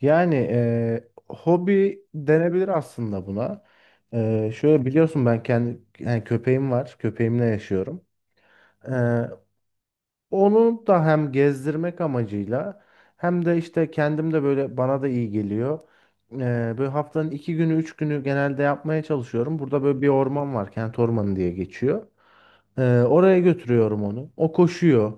Yani hobi denebilir aslında buna. Şöyle biliyorsun ben kendi yani köpeğim var. Köpeğimle yaşıyorum. Eee, onu da hem gezdirmek amacıyla hem de işte kendim de böyle bana da iyi geliyor. Eee, böyle haftanın iki günü üç günü genelde yapmaya çalışıyorum. Burada böyle bir orman var. Kent ormanı diye geçiyor. Oraya götürüyorum onu. O koşuyor.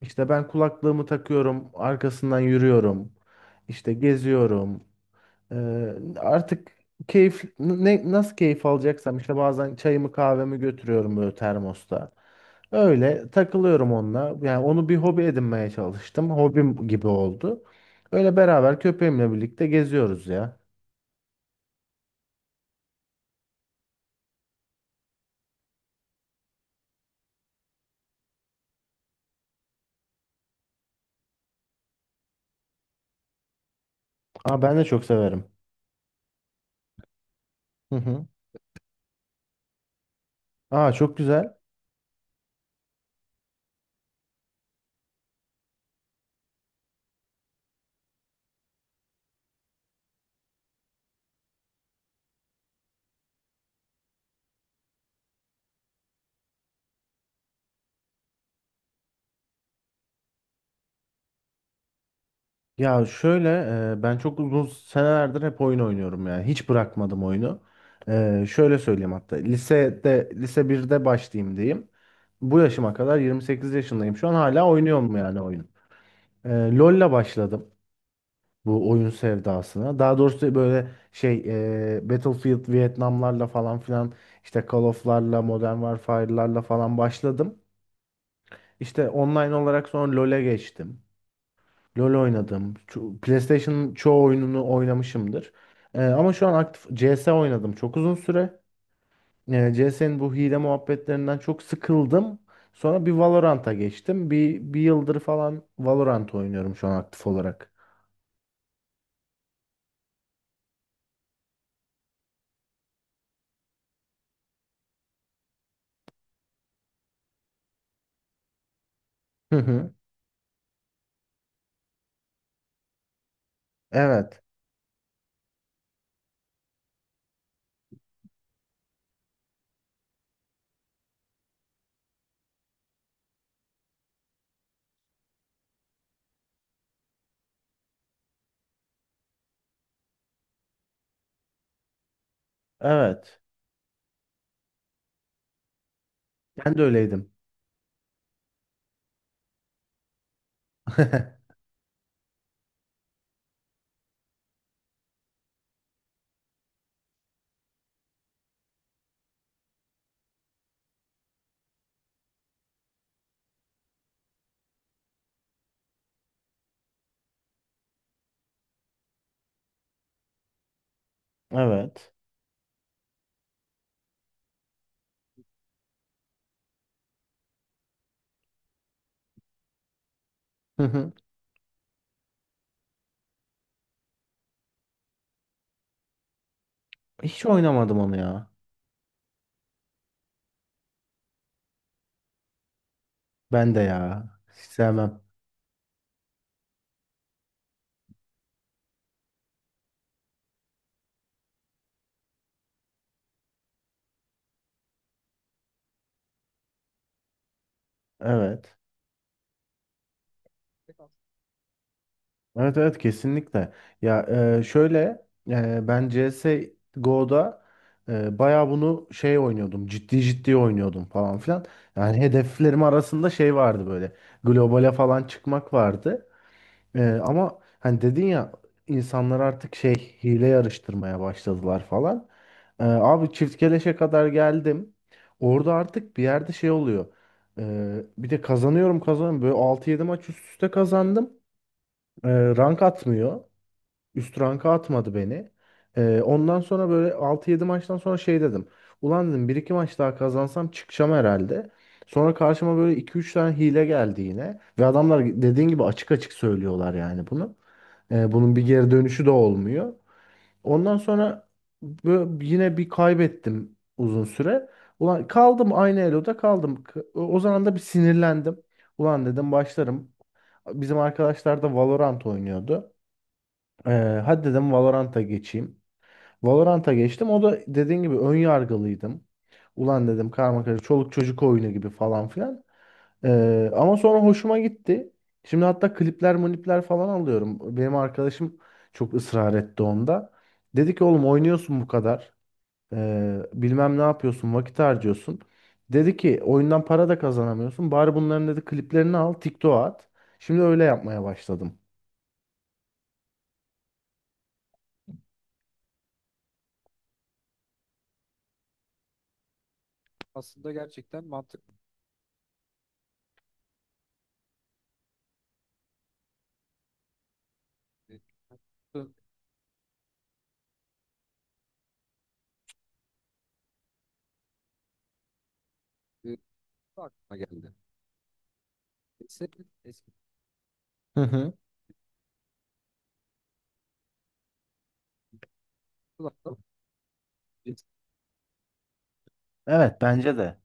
İşte ben kulaklığımı takıyorum. Arkasından yürüyorum. İşte geziyorum. Ee, artık nasıl keyif alacaksam işte bazen çayımı kahvemi götürüyorum böyle termosta. Öyle takılıyorum onunla. Yani onu bir hobi edinmeye çalıştım. Hobim gibi oldu. Öyle beraber köpeğimle birlikte geziyoruz ya. Aa, ben de çok severim. Hı hı. Aa, çok güzel. Ya şöyle, ben çok uzun senelerdir hep oyun oynuyorum yani hiç bırakmadım oyunu. Şöyle söyleyeyim, hatta lisede lise birde başlayayım diyeyim. Bu yaşıma kadar 28 yaşındayım şu an hala oynuyorum yani oyun. E, LoL'la başladım bu oyun sevdasına. Daha doğrusu böyle şey, Battlefield Vietnamlarla falan filan, işte Call of'larla Modern Warfare'larla falan başladım. İşte online olarak sonra LoL'e geçtim. LoL oynadım. PlayStation'ın çoğu oyununu oynamışımdır. Ama şu an aktif CS oynadım çok uzun süre. CS'nin bu hile muhabbetlerinden çok sıkıldım. Sonra bir Valorant'a geçtim. Bir yıldır falan Valorant oynuyorum şu an aktif olarak. Hı hı. Evet. Evet. Ben de öyleydim. Evet. Hı hı. Hiç oynamadım onu ya. Ben de ya. Hiç sevmem. Evet. Evet, evet, kesinlikle. Ya, şöyle, ben CSGO'da, bayağı bunu şey oynuyordum. Ciddi ciddi oynuyordum falan filan. Yani hedeflerim arasında şey vardı böyle. Globale falan çıkmak vardı. Ama hani dedin ya, insanlar artık şey, hile yarıştırmaya başladılar falan. Abi çift keleşe kadar geldim. Orada artık bir yerde şey oluyor. Bir de kazanıyorum kazanıyorum. Böyle altı yedi maç üst üste kazandım. E, rank atmıyor. Üst ranka atmadı beni. Ondan sonra böyle altı yedi maçtan sonra şey dedim. Ulan dedim bir iki maç daha kazansam çıkacağım herhalde. Sonra karşıma böyle iki üç tane hile geldi yine. Ve adamlar dediğin gibi açık açık söylüyorlar yani bunu. Bunun bir geri dönüşü de olmuyor. Ondan sonra yine bir kaybettim uzun süre. Ulan kaldım, aynı eloda kaldım. O zaman da bir sinirlendim. Ulan dedim başlarım. Bizim arkadaşlar da Valorant oynuyordu. Ee, hadi dedim Valorant'a geçeyim. Valorant'a geçtim. O da dediğin gibi ön yargılıydım. Ulan dedim karma karışık çoluk çocuk oyunu gibi falan filan. Ama sonra hoşuma gitti. Şimdi hatta klipler monipler falan alıyorum. Benim arkadaşım çok ısrar etti onda. Dedi ki oğlum oynuyorsun bu kadar. Bilmem ne yapıyorsun, vakit harcıyorsun. Dedi ki oyundan para da kazanamıyorsun. Bari bunların dedi kliplerini al TikTok'a at. Şimdi öyle yapmaya başladım. Hı hı. Evet, bence de.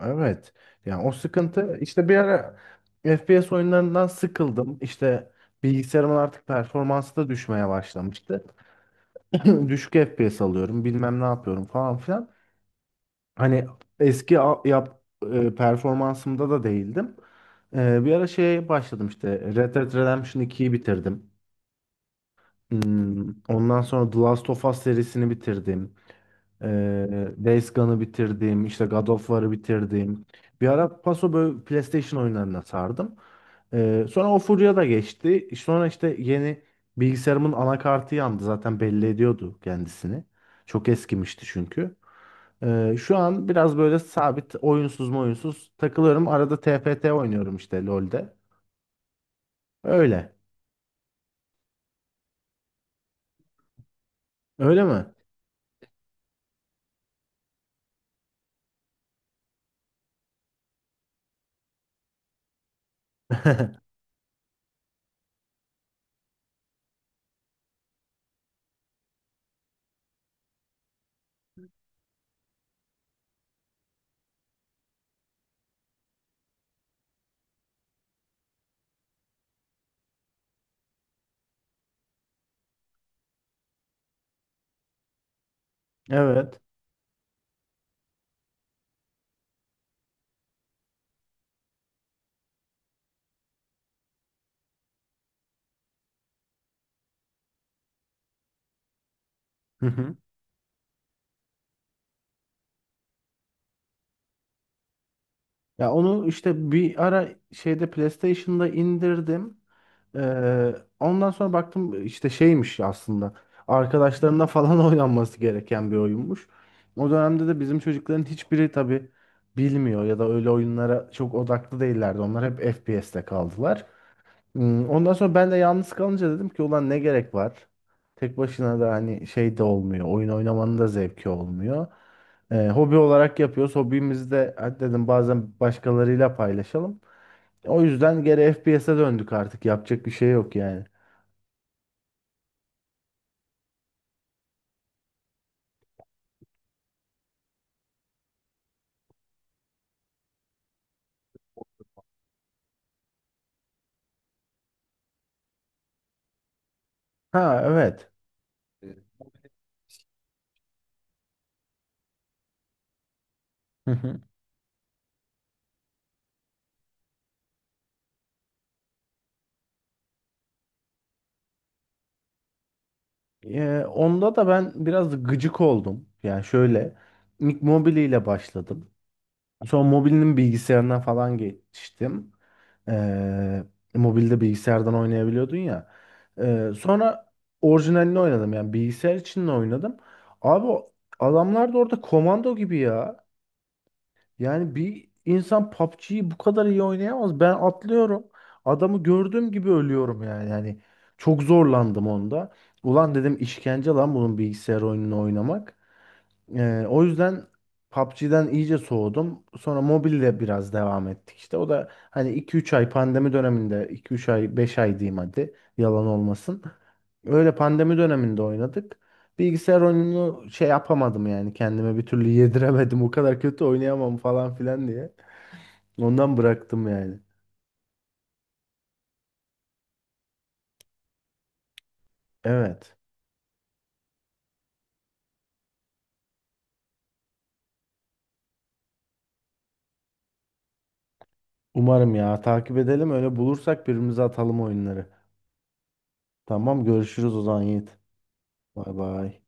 Evet. Yani o sıkıntı, işte bir ara FPS oyunlarından sıkıldım. İşte bilgisayarımın artık performansı da düşmeye başlamıştı. Düşük FPS alıyorum, bilmem ne yapıyorum falan filan. Hani eski a- yap e, performansımda da değildim. Bir ara şeye başladım, işte Red Dead Redemption 2'yi bitirdim. Ondan sonra The Last of Us serisini bitirdim. Days Gone'ı bitirdim. İşte God of War'ı bitirdim. Bir ara paso böyle PlayStation oyunlarına sardım. Sonra o furya da geçti. Sonra işte yeni bilgisayarımın anakartı yandı. Zaten belli ediyordu kendisini. Çok eskimişti çünkü. Şu an biraz böyle sabit oyunsuz mu oyunsuz takılıyorum. Arada TFT oynuyorum işte LoL'de. Öyle. Öyle mi? Evet. Ya onu işte bir ara şeyde PlayStation'da indirdim. Ondan sonra baktım işte şeymiş aslında. Arkadaşlarına falan oynanması gereken bir oyunmuş. O dönemde de bizim çocukların hiçbiri tabii bilmiyor ya da öyle oyunlara çok odaklı değillerdi. Onlar hep FPS'te kaldılar. Ondan sonra ben de yalnız kalınca dedim ki ulan ne gerek var? Tek başına da hani şey de olmuyor. Oyun oynamanın da zevki olmuyor. Hobi olarak yapıyoruz. Hobimizi de hadi dedim bazen başkalarıyla paylaşalım. O yüzden geri FPS'e döndük artık. Yapacak bir şey yok yani. Ha, evet. Onda da ben biraz gıcık oldum. Yani şöyle, ilk Mobile ile başladım. Sonra Mobile'nin bilgisayarına falan geçtim. Ee, mobilde bilgisayardan oynayabiliyordun ya. Sonra orijinalini oynadım yani bilgisayar için de oynadım. Abi o adamlar da orada komando gibi ya. Yani bir insan PUBG'yi bu kadar iyi oynayamaz. Ben atlıyorum. Adamı gördüğüm gibi ölüyorum yani. Yani çok zorlandım onda. Ulan dedim işkence lan bunun bilgisayar oyununu oynamak. O yüzden PUBG'den iyice soğudum. Sonra mobille biraz devam ettik işte. O da hani iki üç ay pandemi döneminde, iki üç ay, 5 ay diyeyim hadi yalan olmasın. Öyle pandemi döneminde oynadık. Bilgisayar oyununu şey yapamadım yani kendime bir türlü yediremedim. O kadar kötü oynayamam falan filan diye. Ondan bıraktım yani. Evet. Umarım ya, takip edelim, öyle bulursak birbirimize atalım oyunları. Tamam, görüşürüz o zaman Yiğit. Bay bay.